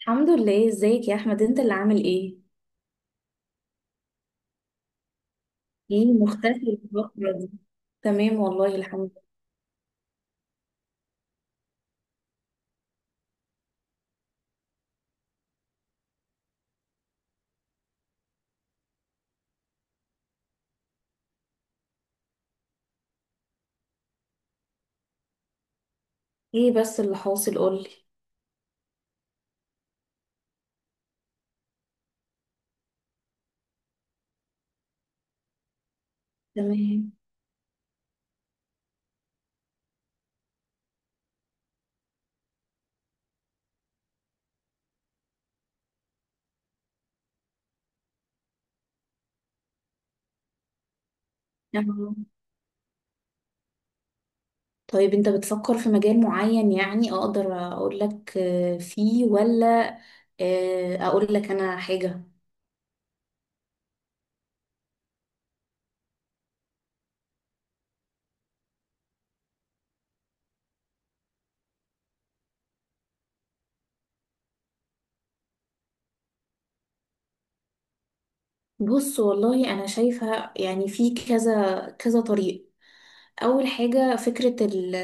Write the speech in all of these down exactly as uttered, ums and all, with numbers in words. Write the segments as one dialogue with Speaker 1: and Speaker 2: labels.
Speaker 1: الحمد لله. ازيك يا احمد؟ انت اللي عامل ايه؟ ايه مختفي الفترة دي؟ تمام والله الحمد لله. ايه بس اللي حاصل؟ قولي. تمام. أهو. طيب انت بتفكر في مجال معين؟ يعني اقدر اقول لك، آه، فيه ولا آه، اقول لك انا حاجة. بص والله انا شايفة يعني في كذا كذا طريق. أول حاجة فكرة ال-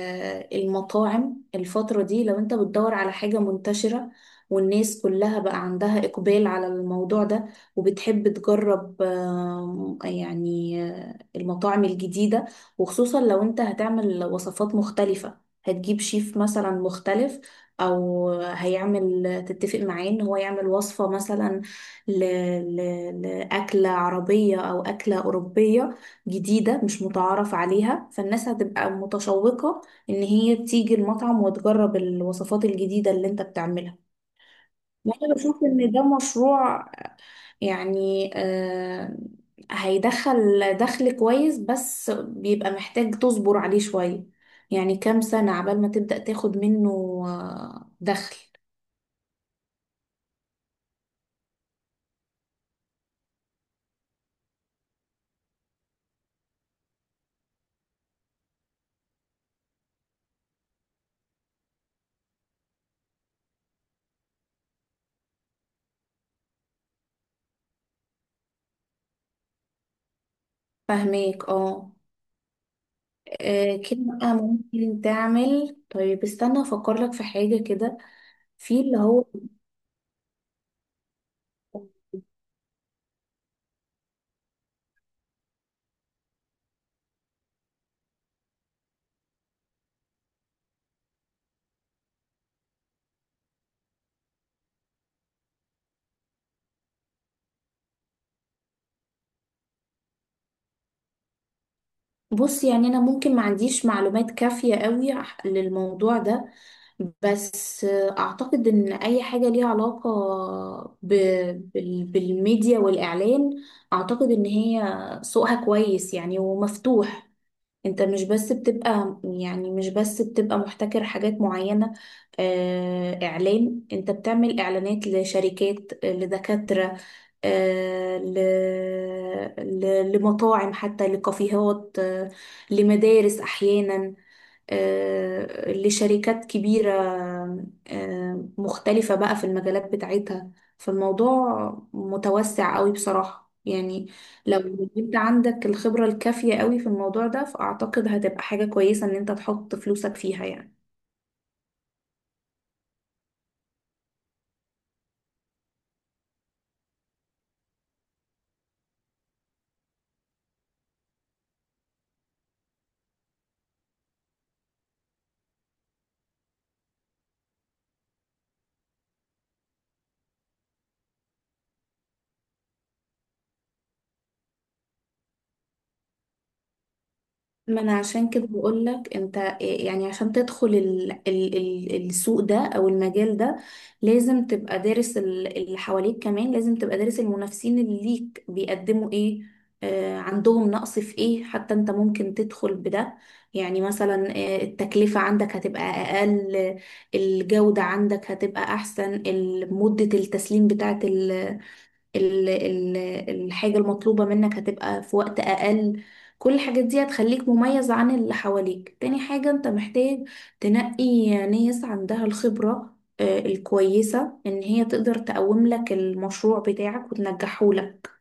Speaker 1: المطاعم. الفترة دي لو أنت بتدور على حاجة منتشرة، والناس كلها بقى عندها إقبال على الموضوع ده، وبتحب تجرب آم، يعني آه، المطاعم الجديدة. وخصوصا لو أنت هتعمل وصفات مختلفة، هتجيب شيف مثلا مختلف، أو هيعمل تتفق معاه إن هو يعمل وصفة مثلا ل... ل... لأكلة عربية أو أكلة أوروبية جديدة مش متعارف عليها، فالناس هتبقى متشوقة إن هي تيجي المطعم وتجرب الوصفات الجديدة اللي أنت بتعملها. وأنا بشوف إن ده مشروع يعني آه هيدخل دخل كويس، بس بيبقى محتاج تصبر عليه شوية. يعني كام سنة عبال ما تبدأ تاخد منه آه، دخل. فاهميك اه. آه، كده بقى ممكن تعمل. طيب استنى افكر لك في حاجة كده في اللي هو. بص يعني انا ممكن ما عنديش معلومات كافية قوي ح- للموضوع ده. بس اعتقد ان اي حاجة ليها علاقة ب... بال... بالميديا والاعلان، اعتقد ان هي سوقها كويس يعني ومفتوح. انت مش بس بتبقى يعني مش بس بتبقى محتكر حاجات معينة. آه، اعلان، انت بتعمل اعلانات لشركات، آه، لدكاترة، آه، ل... ل... لمطاعم، حتى لكافيهات، آه، لمدارس احيانا، آه، لشركات كبيرة آه، مختلفة بقى في المجالات بتاعتها. فالموضوع متوسع قوي بصراحة يعني. لو انت عندك الخبرة الكافية قوي في الموضوع ده، فأعتقد هتبقى حاجة كويسة ان انت تحط فلوسك فيها يعني. ما انا عشان كده بقول لك انت إيه، يعني عشان تدخل ال ال ال السوق ده او المجال ده لازم تبقى دارس ال- اللي حواليك، كمان لازم تبقى دارس المنافسين اللي ليك بيقدموا ايه، آه عندهم نقص في ايه حتى انت ممكن تدخل بده. يعني مثلا آه، التكلفة عندك هتبقى اقل، الجودة عندك هتبقى احسن، ال- مدة التسليم بتاعت ال ال الحاجة المطلوبة منك هتبقى في وقت أقل. كل الحاجات دي هتخليك مميز عن اللي حواليك. تاني حاجة انت محتاج تنقي ناس عندها الخبرة آه، الكويسة ان هي تقدر تقوم لك المشروع بتاعك وتنجحه لك.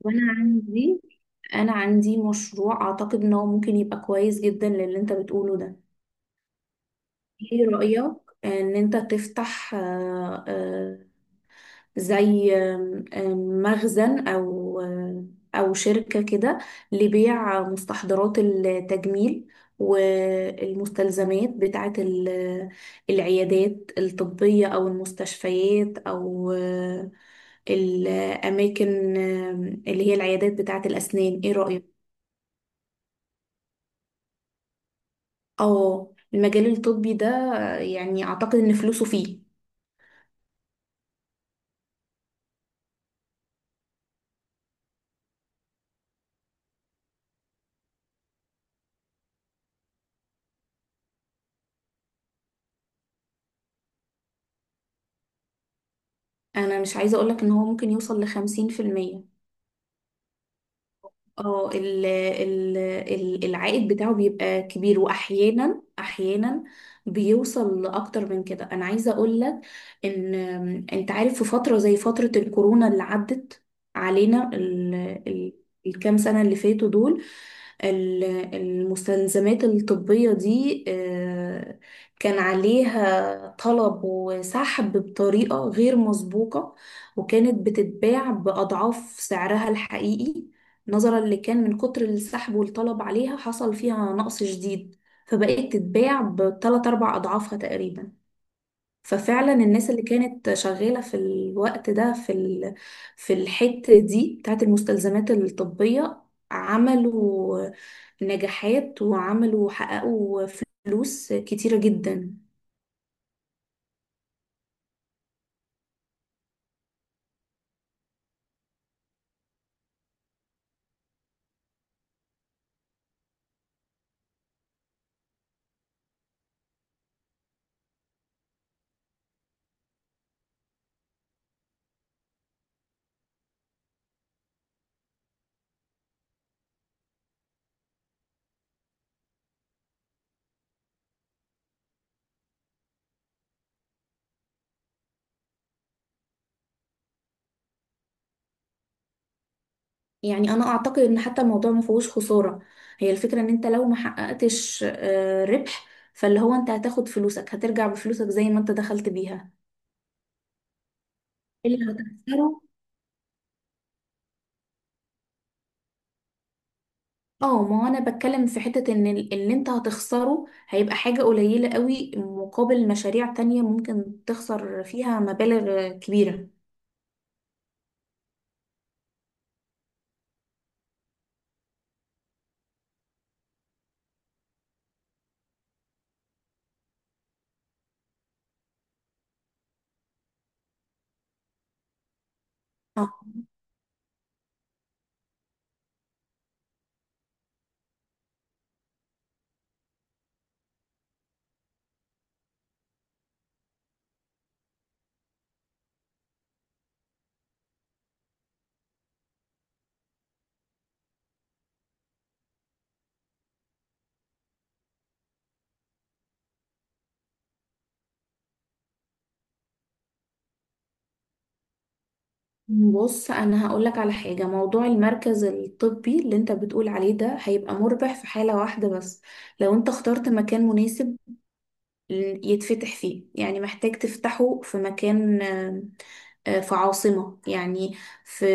Speaker 1: وانا عندي انا عندي مشروع اعتقد ان هو ممكن يبقى كويس جدا للي انت بتقوله ده. ايه رأيك ان انت تفتح آه، آه، زي آم، آم، مخزن، أو آه، أو شركة كده لبيع مستحضرات التجميل والمستلزمات بتاعة ال- العيادات الطبية أو المستشفيات أو آه، الأماكن، آم، اللي هي العيادات بتاعة الأسنان. إيه رأيك؟ اه، المجال الطبي ده يعني أعتقد إن فلوسه فيه. أنا مش عايزة أقولك إن هو ممكن يوصل لخمسين في المية. اه، ال- ال- ال- العائد بتاعه بيبقى كبير، واحيانا احيانا بيوصل لاكتر من كده. انا عايزه اقول لك ان انت عارف، في فتره زي فتره الكورونا اللي عدت علينا ال... ال... الكام سنه اللي فاتوا دول، ال- المستلزمات الطبيه دي آه، كان عليها طلب وسحب بطريقه غير مسبوقه، وكانت بتتباع باضعاف سعرها الحقيقي. نظرا لكان من كتر السحب والطلب عليها حصل فيها نقص شديد، فبقت تتباع بتلات أربع أضعافها تقريبا. ففعلا الناس اللي كانت شغالة في الوقت ده في ال... في الحتة دي بتاعت المستلزمات الطبية، عملوا نجاحات، وعملوا حققوا فلوس كتيرة جدا. يعني انا اعتقد ان حتى الموضوع ما فيهوش خساره. هي الفكره ان انت لو ما حققتش آه، ربح، فاللي هو انت هتاخد فلوسك، هترجع بفلوسك زي ما انت دخلت بيها. اللي هتخسره. اه، ما هو انا بتكلم في حته ان ال- اللي انت هتخسره هيبقى حاجه قليله قوي مقابل مشاريع تانية ممكن تخسر فيها مبالغ آه، كبيره. اه، بص انا هقولك على حاجه. موضوع المركز الطبي اللي انت بتقول عليه ده هيبقى مربح في حاله واحده بس، لو انت اخترت مكان مناسب يتفتح فيه. يعني محتاج تفتحه في مكان، آم، آه، في عاصمة يعني، في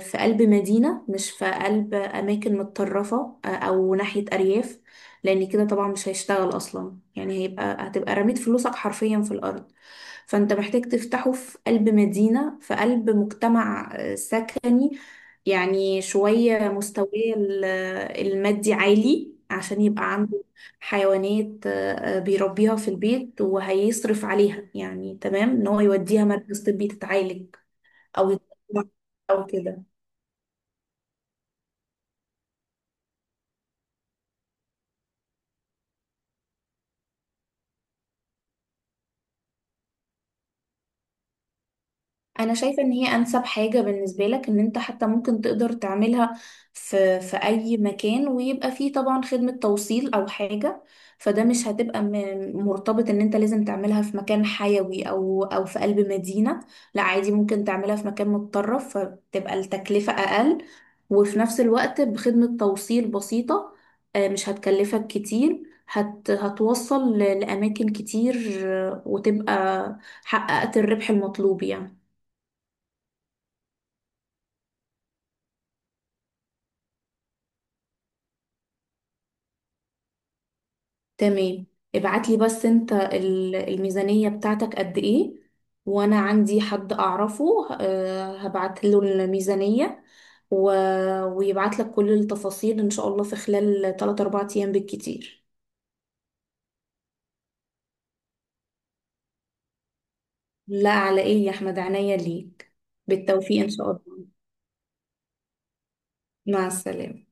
Speaker 1: في قلب مدينة، مش في قلب أماكن متطرفة آه، أو ناحية أرياف، لأن كده طبعا مش هيشتغل أصلا. يعني هيبقى هتبقى رميت فلوسك حرفيا في الأرض. فأنت محتاج تفتحه في قلب مدينة، في قلب مجتمع آه، سكني، يعني شوية مستواه ال- المادي عالي عشان يبقى عنده حيوانات آه، آه، بيربيها في البيت وهيصرف عليها، يعني تمام ان هو يوديها مركز طبي تتعالج او يتطوع او كده. انا شايفة ان هي انسب حاجة بالنسبة لك، ان انت حتى ممكن تقدر تعملها في في اي مكان، ويبقى فيه طبعا خدمة توصيل او حاجة. فده مش هتبقى م- مرتبط ان انت لازم تعملها في مكان حيوي او او في قلب مدينة. لا عادي ممكن تعملها في مكان متطرف، فتبقى التكلفة اقل، وفي نفس الوقت بخدمة توصيل بسيطة آه، مش هتكلفك كتير، هت هتوصل ل- لأماكن كتير آه، وتبقى حققت الربح المطلوب يعني. تمام. ابعتلي بس انت ال- الميزانية بتاعتك قد ايه، وانا عندي حد اعرفه آه، هبعت له الميزانية و... ويبعت لك كل التفاصيل ان شاء الله في خلال ثلاثة أربعة ايام بالكتير. لا على ايه يا احمد، عينيا ليك. بالتوفيق ان شاء الله. مع السلامة.